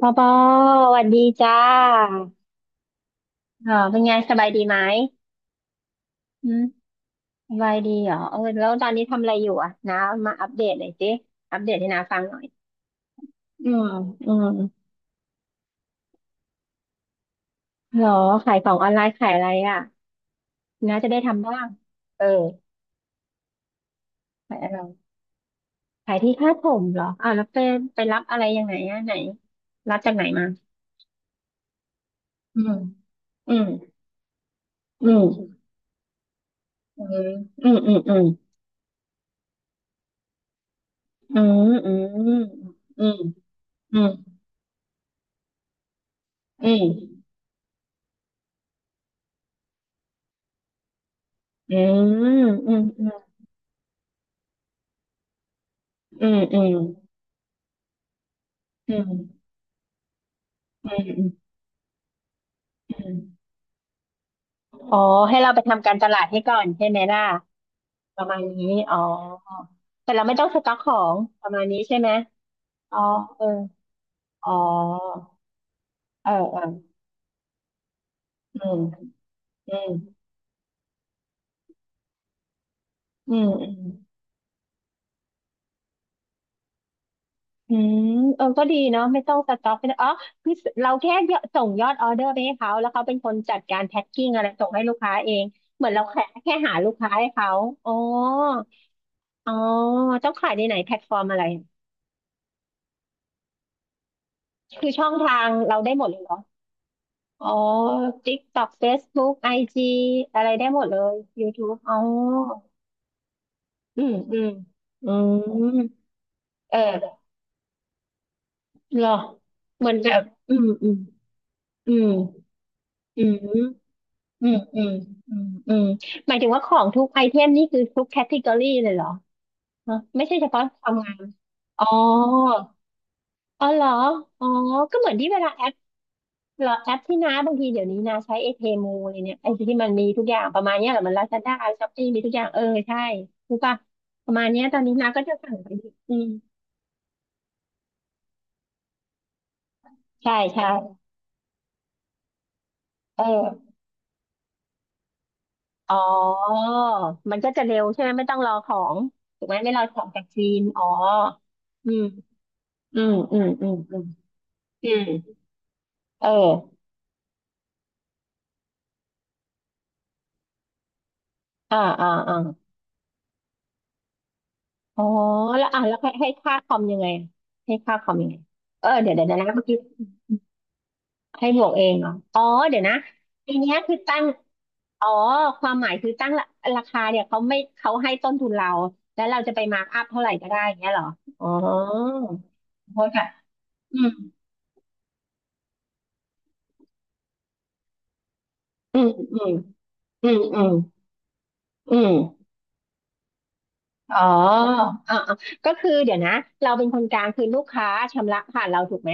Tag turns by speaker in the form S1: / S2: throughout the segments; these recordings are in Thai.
S1: ปอปอสวัสดีจ้าอ๋อเป็นไงสบายดีไหมอืมสบายดีเหรอเออแล้วตอนนี้ทำอะไรอยู่อ่ะนะมาอัปเดตหน่อยสิอัปเดตให้น้าฟังหน่อยอืมอืมเหรอขายของออนไลน์ขายอะไรอ่ะน้าจะได้ทำบ้างเออขายอะไรขายที่คาดผมเหรออ่าวแล้วไปรับอะไรยังไงอ่ะไหน รับจากไหนมาอืมอืมอืมอืมอืมอืมอืมอืมอืมอืมอืมอืมอืมอืมอืมอืม อืมอืมอืมอืมอืมอืมอ๋อให้เราไปทำการตลาดให้ก่อนใช่ไหมล่ะประมาณนี้อ๋อแต่เราไม่ต้องสต็อกของประมาณนี้ใช่ไหมอ๋อเอออ๋อเออเอออืม อืมอืมอืมอืมเออก็ดีเนาะไม่ต้องสต็อกไม่ต้องอ๋อคือเราแค่ยอดส่งยอดออเดอร์ไปให้เขาแล้วเขาเป็นคนจัดการแพ็คกิ้งอะไรส่งให้ลูกค้าเองเหมือนเราแค่หาลูกค้าให้เขาอ๋ออ๋อต้องขายในไหนแพลตฟอร์มอะไร คือช่องทางเราได้หมดเลยเหรอ อ๋อ TikTok Facebook IG อจีอะไรได้หมดเลย YouTube อ๋ออืมอืมอืมเออเหรอเหมือนแบบอืมอืมอืมอืมอืมอืมอืมอืมหมายถึงว่าของทุกไอเทมนี่คือทุกแคตตากรีเลยเหรอฮะไม่ใช่เฉพาะทำงานอ๋อ อ๋อเหรอ อ๋อ ก็เหมือนที่เวลาแอป เหรอแอปที่น้าบางทีเดี๋ยวนี้นาใช้เอพีเพมูเลยเนี่ยไอที่มันมีทุกอย่างประมาณเนี้ยเหรอมันลาซาด้ช้อปปี้มีทุกอย่างเออใช่รู้ป่ะประมาณเนี้ยตอนนี้นาก็จะสั่งไปดิอืมใช่ใช่เอออ๋อมันก็จะเร็วใช่ไหมไม่ต้องรอของถูกไหมไม่รอของจากจีนอ๋ออืมอืมอืมอืมอืมอืมเอออ่าอ่าอ่าอ๋อแล้วอ่าแล้วให้ค่าคอมยังไงให้ค่าคอมยังไงเออเดี๋ยวนะเมื่อกี้ ให้บวกเองเหรอ อ๋อเดี๋ยวนะอันเนี้ยคือตั้ง อ๋อความหมายคือตั้งราคาเนี่ยเขาไม่เขาให้ต้นทุนเรา แล้วเราจะไปมาร์กอัพเท่าไหร่ก็ได้อย่างเงี้ยเหรอ อ๋อโอเคค่ะอืมอืมอืมอืมอืมอืม อ๋ออ่าๆก็คือเดี๋ยวนะเราเป็นคนกลางคือลูกค้าชำระผ่านเราถูกไหม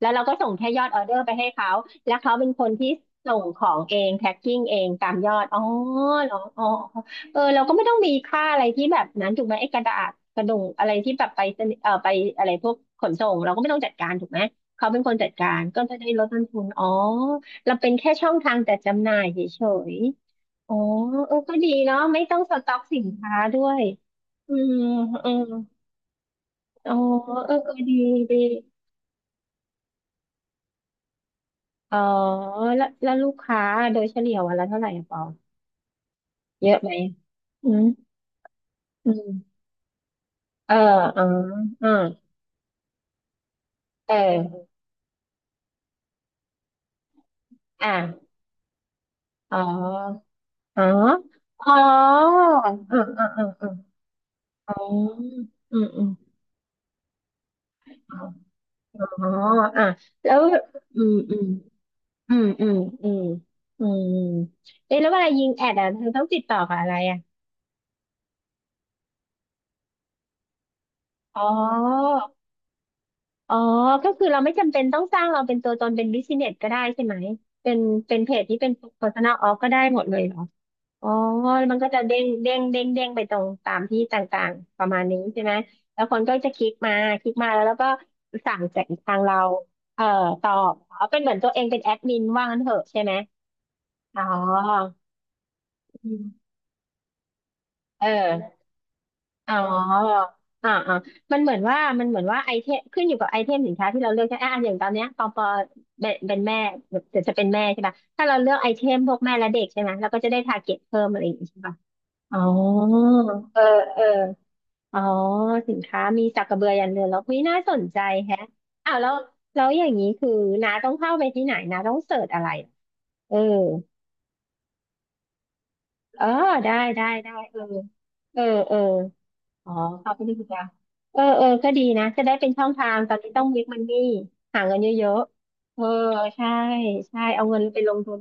S1: แล้วเราก็ส่งแค่ยอดออเดอร์ไปให้เขาแล้วเขาเป็นคนที่ส่งของเองแพ็คกิ้งเองตามยอดอ๋อเหรออ๋ออ๋อเออเราก็ไม่ต้องมีค่าอะไรที่แบบนั้นถูกไหมไอ้กระดาษกระดงอะไรที่แบบไปสนิเออไปอะไรพวกขนส่งเราก็ไม่ต้องจัดการถูกไหมเขาเป็นคนจัดการก็จะได้ลดต้นทุนอ๋อเราเป็นแค่ช่องทางจัดจำหน่ายเฉยๆอ๋อเออก็ดีเนาะไม่ต้องสต็อกสินค้าด้วย อืมอืมอ๋อเออเออดีดี อ๋อ แล้วลูกค้าโดยเฉลี่ยวันละเท่าไหร่อะปอเยอะไหมอืมอืมเอออ๋ออ่าเอออ่ะ อ๋ออ๋ออ๋ออืมอืมอืมอืมอ๋ออืมอืมอ๋ออ๋ออ่ะแล้ว อืม อืมอืมอืมอืมอืมเอ๊ะแล้วเวลายิงแอดอ่ะเธอต้องติดต่อกับอะไรอ่ะอ๋อ อ๋อก็คือเราไม่จำเป็นต้องสร้างเราเป็นตัวตนเป็นบิสเนสก็ได้ใช่ไหม เป็นเพจที่เป็น personal off ก็ได้หมดเลยเหรออ๋อมันก็จะเด้งเด้งเด้งเด้งไปตรงตามที่ต่างๆประมาณนี้ใช่ไหม แล้วคนก็จะคลิกมาแล้วก็สั่งจากทางเราเอ่อตอบเอาเป็นเหมือนตัวเองเป็นแอดมินว่างั้นเถอะใช่ไหมอ๋ออืมเออ อ๋ออ่าอ่ามันเหมือนว่ามันเหมือนว่าไอเทมขึ้นอยู่กับไอเทมสินค้าที่เราเลือกใช่ไหมอ่ะอย่างตอนเนี้ยปอปอเป็นแม่เดี๋ยวจะเป็นแม่ใช่ป่ะถ้าเราเลือกไอเทมพวกแม่และเด็กใช่ไหมเราก็จะได้ทาร์เก็ตเพิ่มอะไรอย่างงี้ใช่ป่ะอ๋อเออเอออ๋อสินค้ามีสักกระเบือยันเรือแล้วคี่น่าสนใจแฮะอ้าวแล้วอย่างนี้คือน้าต้องเข้าไปที่ไหนน้าต้องเสิร์ชอะไรเออเออได้ได้ได้ เออเออเออ อ๋อเข้าไปดีกว่าเออเออก็ดีนะจะได้เป็นช่องทางตอนนี้ต้องวกมันนี่หาเงินเยอะๆเออใช่ใช่เอาเงินไปลงทุน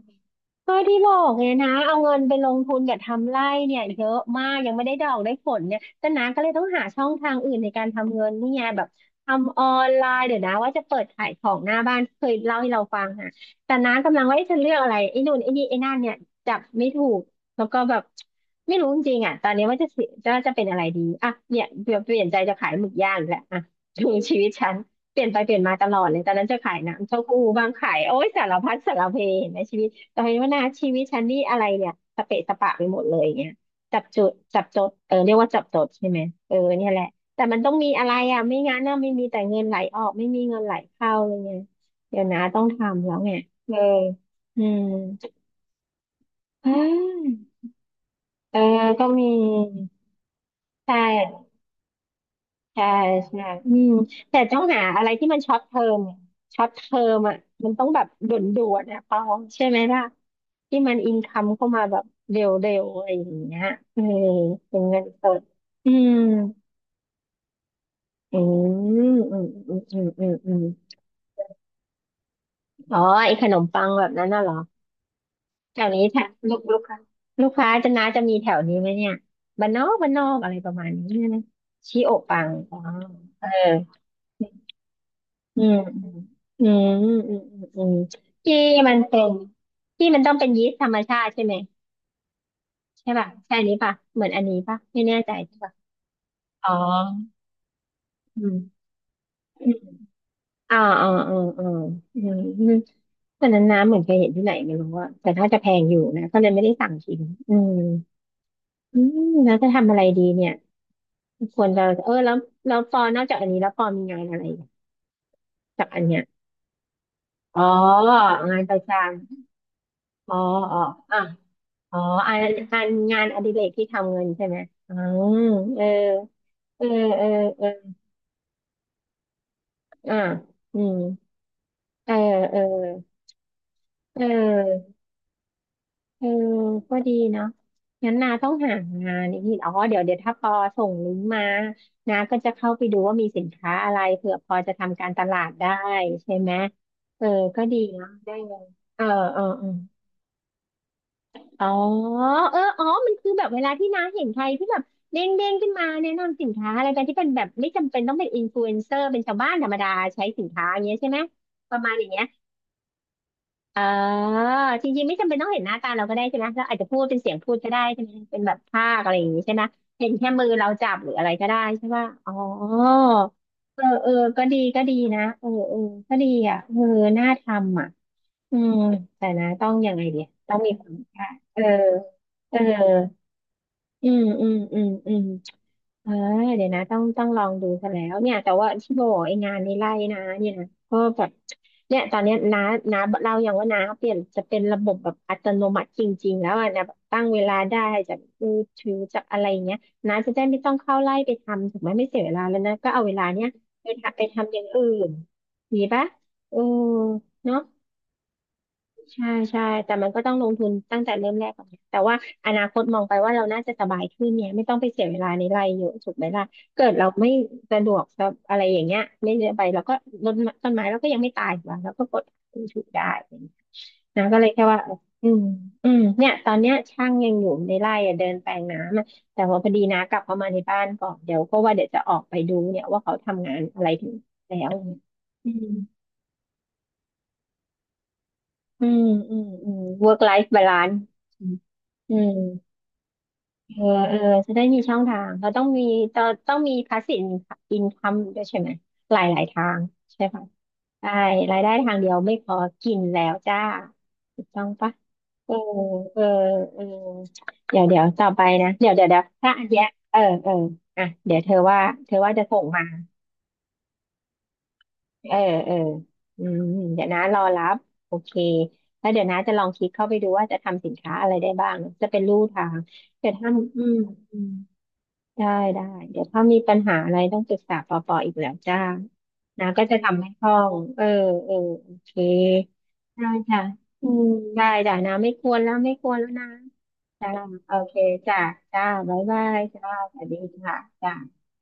S1: ก็ที่บอกไงนะเอาเงินไปลงทุนกับทำไร่เนี่ยเยอะมากยังไม่ได้ดอกได้ผลเนี่ยแต่น้าก็เลยต้องหาช่องทางอื่นในการทำเงินนี่ไงแบบทำออนไลน์เดี๋ยวนะว่าจะเปิดขายของหน้าบ้านเคยเล่าให้เราฟังนะแต่น้ากำลังว่าเอ๊ะจะเลือกอะไรไอ้นู่นไอ้นี่ไอ้นั่นเนี่ยจับไม่ถูก แล้วก็แบบไม่รู้จริงๆอ่ะตอนนี้ว่าจะเป็นอะไรดีอ่ะเนี่ยเปลี่ยนใจจะขายหมึกย่างอีกแล้วอ่ะดูชีวิตฉันเปลี่ยนไปเปลี่ยนมาตลอดเลยตอนนั้นจะขายน้ำเต้าหู้บ้างขายโอ้ยสารพัดสารเพเห็นไหมชีวิตตอนนี้ว่านะชีวิตฉันนี่อะไรเนี่ยสเปะสปะไปหมดเลยอย่างเงี้ยจับจุดจับจดเออเรียกว่าจับจดใช่ไหมเออเนี่ยแหละแต่มันต้องมีอะไรอ่ะไม่งั้นน่ะไม่มีแต่เงินไหลออกไม่มีเงินไหลเข้าอะไรเงี้ยเดี๋ยวนะต้องทำแล้วไงเอออืมอืม เออ ก็มีใช่ใช่ใช่อืมแต่ต้องหาอะไรที่มันช็อตเทอมช็อตเทอมอ่ะมันต้องแบบด่วนๆนะปองใช่ไหมล่ะที่มันอินคัมเข้ามาแบบเร็วๆอะไรอย่างเงี้ยเออเป็นเงินสดอืมอืมอืมอืมอืมอืมอืมอ๋อไอ้ขนมปังแบบนั้นน่ะเหรอแถวนี้แถวลูกค้าจะน้าจะมีแถวนี้ไหมเนี่ยบ้านนอกอะไรประมาณนี้นะชีโอะปังอ๋อเออ อืมอืมอืมอืมอืมอืมที่มันเป็นที่มันต้องเป็นยีสต์ธรรมชาติใช่ไหมใช่ป่ะใช่อันนี้ป่ะเหมือนอันนี้ป่ะไม่แน่ใจใช่ป่ะอ๋ออืมอืมอ่าอ่าอ่าอ่าอืมอืมตอนนั้นน้ำเหมือนเคยเห็นที่ไหนไม่รู้อะแต่ถ้าจะแพงอยู่นะก็เลยไม่ได้สั่งกินอืมอืมแล้วจะทำอะไรดีเนี่ยควรจะเออแล้วแล้วปอนอกจากอันนี้แล้วปอมีงานอะไรจากอันเนี้ยอ๋องานประจำอ๋ออ๋ออ่ะ อ๋ออันงานอดิเรกที่ทำเงินใช่ไหมอืมเออเออเออเอออ่าอืมเออเออเออเออก็ดีเนาะงั้นนาต้องหางานอีกทีอ๋อเดี๋ยวเดี๋ยวถ้าปอส่งลิงก์มานาก็จะเข้าไปดูว่ามีสินค้าอะไรเผื่อพอจะทำการตลาดได้ใช่ไหมเออก็ดีเนาะได้เลยเออเออเออ อ๋อเอออ๋อมันคือแบบเวลาที่น้าเห็นใครที่แบบเด้งขึ้นมาแนะนำสินค้าอะไรกันที่เป็นแบบไม่จำเป็นต้องเป็นอินฟลูเอนเซอร์เป็นชาวบ้านธรรมดาใช้สินค้าอย่างเงี้ยใช่ไหมประมาณอย่างเงี้ยเออจริงๆไม่จำเป็นต้องเห็นหน้าตาเราก็ได้ใช่ไหมเราอาจจะพูดเป็นเสียงพูดก็ได้ใช่ไหมเป็นแบบภาคอะไรอย่างงี้ใช่ไหมเห็นแค่มือเราจับหรืออะไรก็ได้ใช่ป่ะอ๋อเออเออก็ดีก็ดีนะเออเออก็ดีอ่ะเออน่าทำอ่ะ อืมแต่นะต้องยังไงดีต้องมีความอ่ะเออเอออืมอืมอืมอืมเออเดี๋ยวนะต้องลองดูซะแล้วเนี่ยแต่ว่าที่โบอกไองานในไร่นะเนี่ยนะก็แบบเนี่ยตอนเนี้ยน้าเราอย่างว่าน้าเปลี่ยนจะเป็นระบบแบบอัตโนมัติจริงๆแล้วอ่ะนะแบบตั้งเวลาได้จากมือถือจากอะไรอย่างเงี้ยน้าจะได้ไม่ต้องเข้าไร่ไปทำถูกไหมไม่เสียเวลาแล้วนะก็เอาเวลาเนี้ยไปทำอย่างอื่นดีปะเออเนาะ ใช่ใช่แต่มันก็ต้องลงทุนตั้งแต่เริ่มแรกก่อนนะแต่ว่าอนาคตมองไปว่าเราน่าจะสบายขึ้นเนี่ยไม่ต้องไปเสียเวลาในไร่เยอะถูกไหมล่ะเกิดเราไม่สะดวกสบอะไรอย่างเงี้ยไม่ได้ไปเราก็รดต้นไม้เราก็ยังไม่ตายหรอกเราก็กดถูกได้อะไรอย่างเงี้ยนะก็เลยแค่ว่าอืมอืมเนี่ยตอนเนี้ยช่างยังอยู่ในไร่อะเดินแปลงน้ำอะแต่ว่าพอดีนะกลับเข้ามาในบ้านก่อนเดี๋ยวก็ว่าเดี๋ยวจะออกไปดูเนี่ยว่าเขาทำงานอะไรถึงแล้วอืม อืมอืมอืม work life balance อืมอืมเออเออจะได้มีช่องทางเราต้องมี passive income ด้วยใช่ไหมหลายทางใช่ปะใช่รายได้ทางเดียวไม่พอกินแล้วจ้าถูกต้องปะเออเออเออเดี๋ยวต่อไปนะเดี๋ยวถ้าอันเนี้ยเออเอออ่ะเดี๋ยวเธอว่าเธอว่าจะส่งมา เออเอออืมเดี๋ยวนะรอรับโอเคแล้วเดี๋ยวนะจะลองคิดเข้าไปดูว่าจะทำสินค้าอะไรได้บ้างจะเป็นลู่ทางเดี๋ยวถ้าอืมอืมได้ได้เดี๋ยวถ้ามีปัญหาอะไรต้องปรึกษาปอปออีกแล้วจ้านะก็จะทำให้คล่องเออเออโอเคได้จ้ะอืมได้จ้ะนะไม่ควรแล้วนะจ้าโอเคจ้ะจ้าบ๊ายบายจ้าสวัสดีค่ะจ้า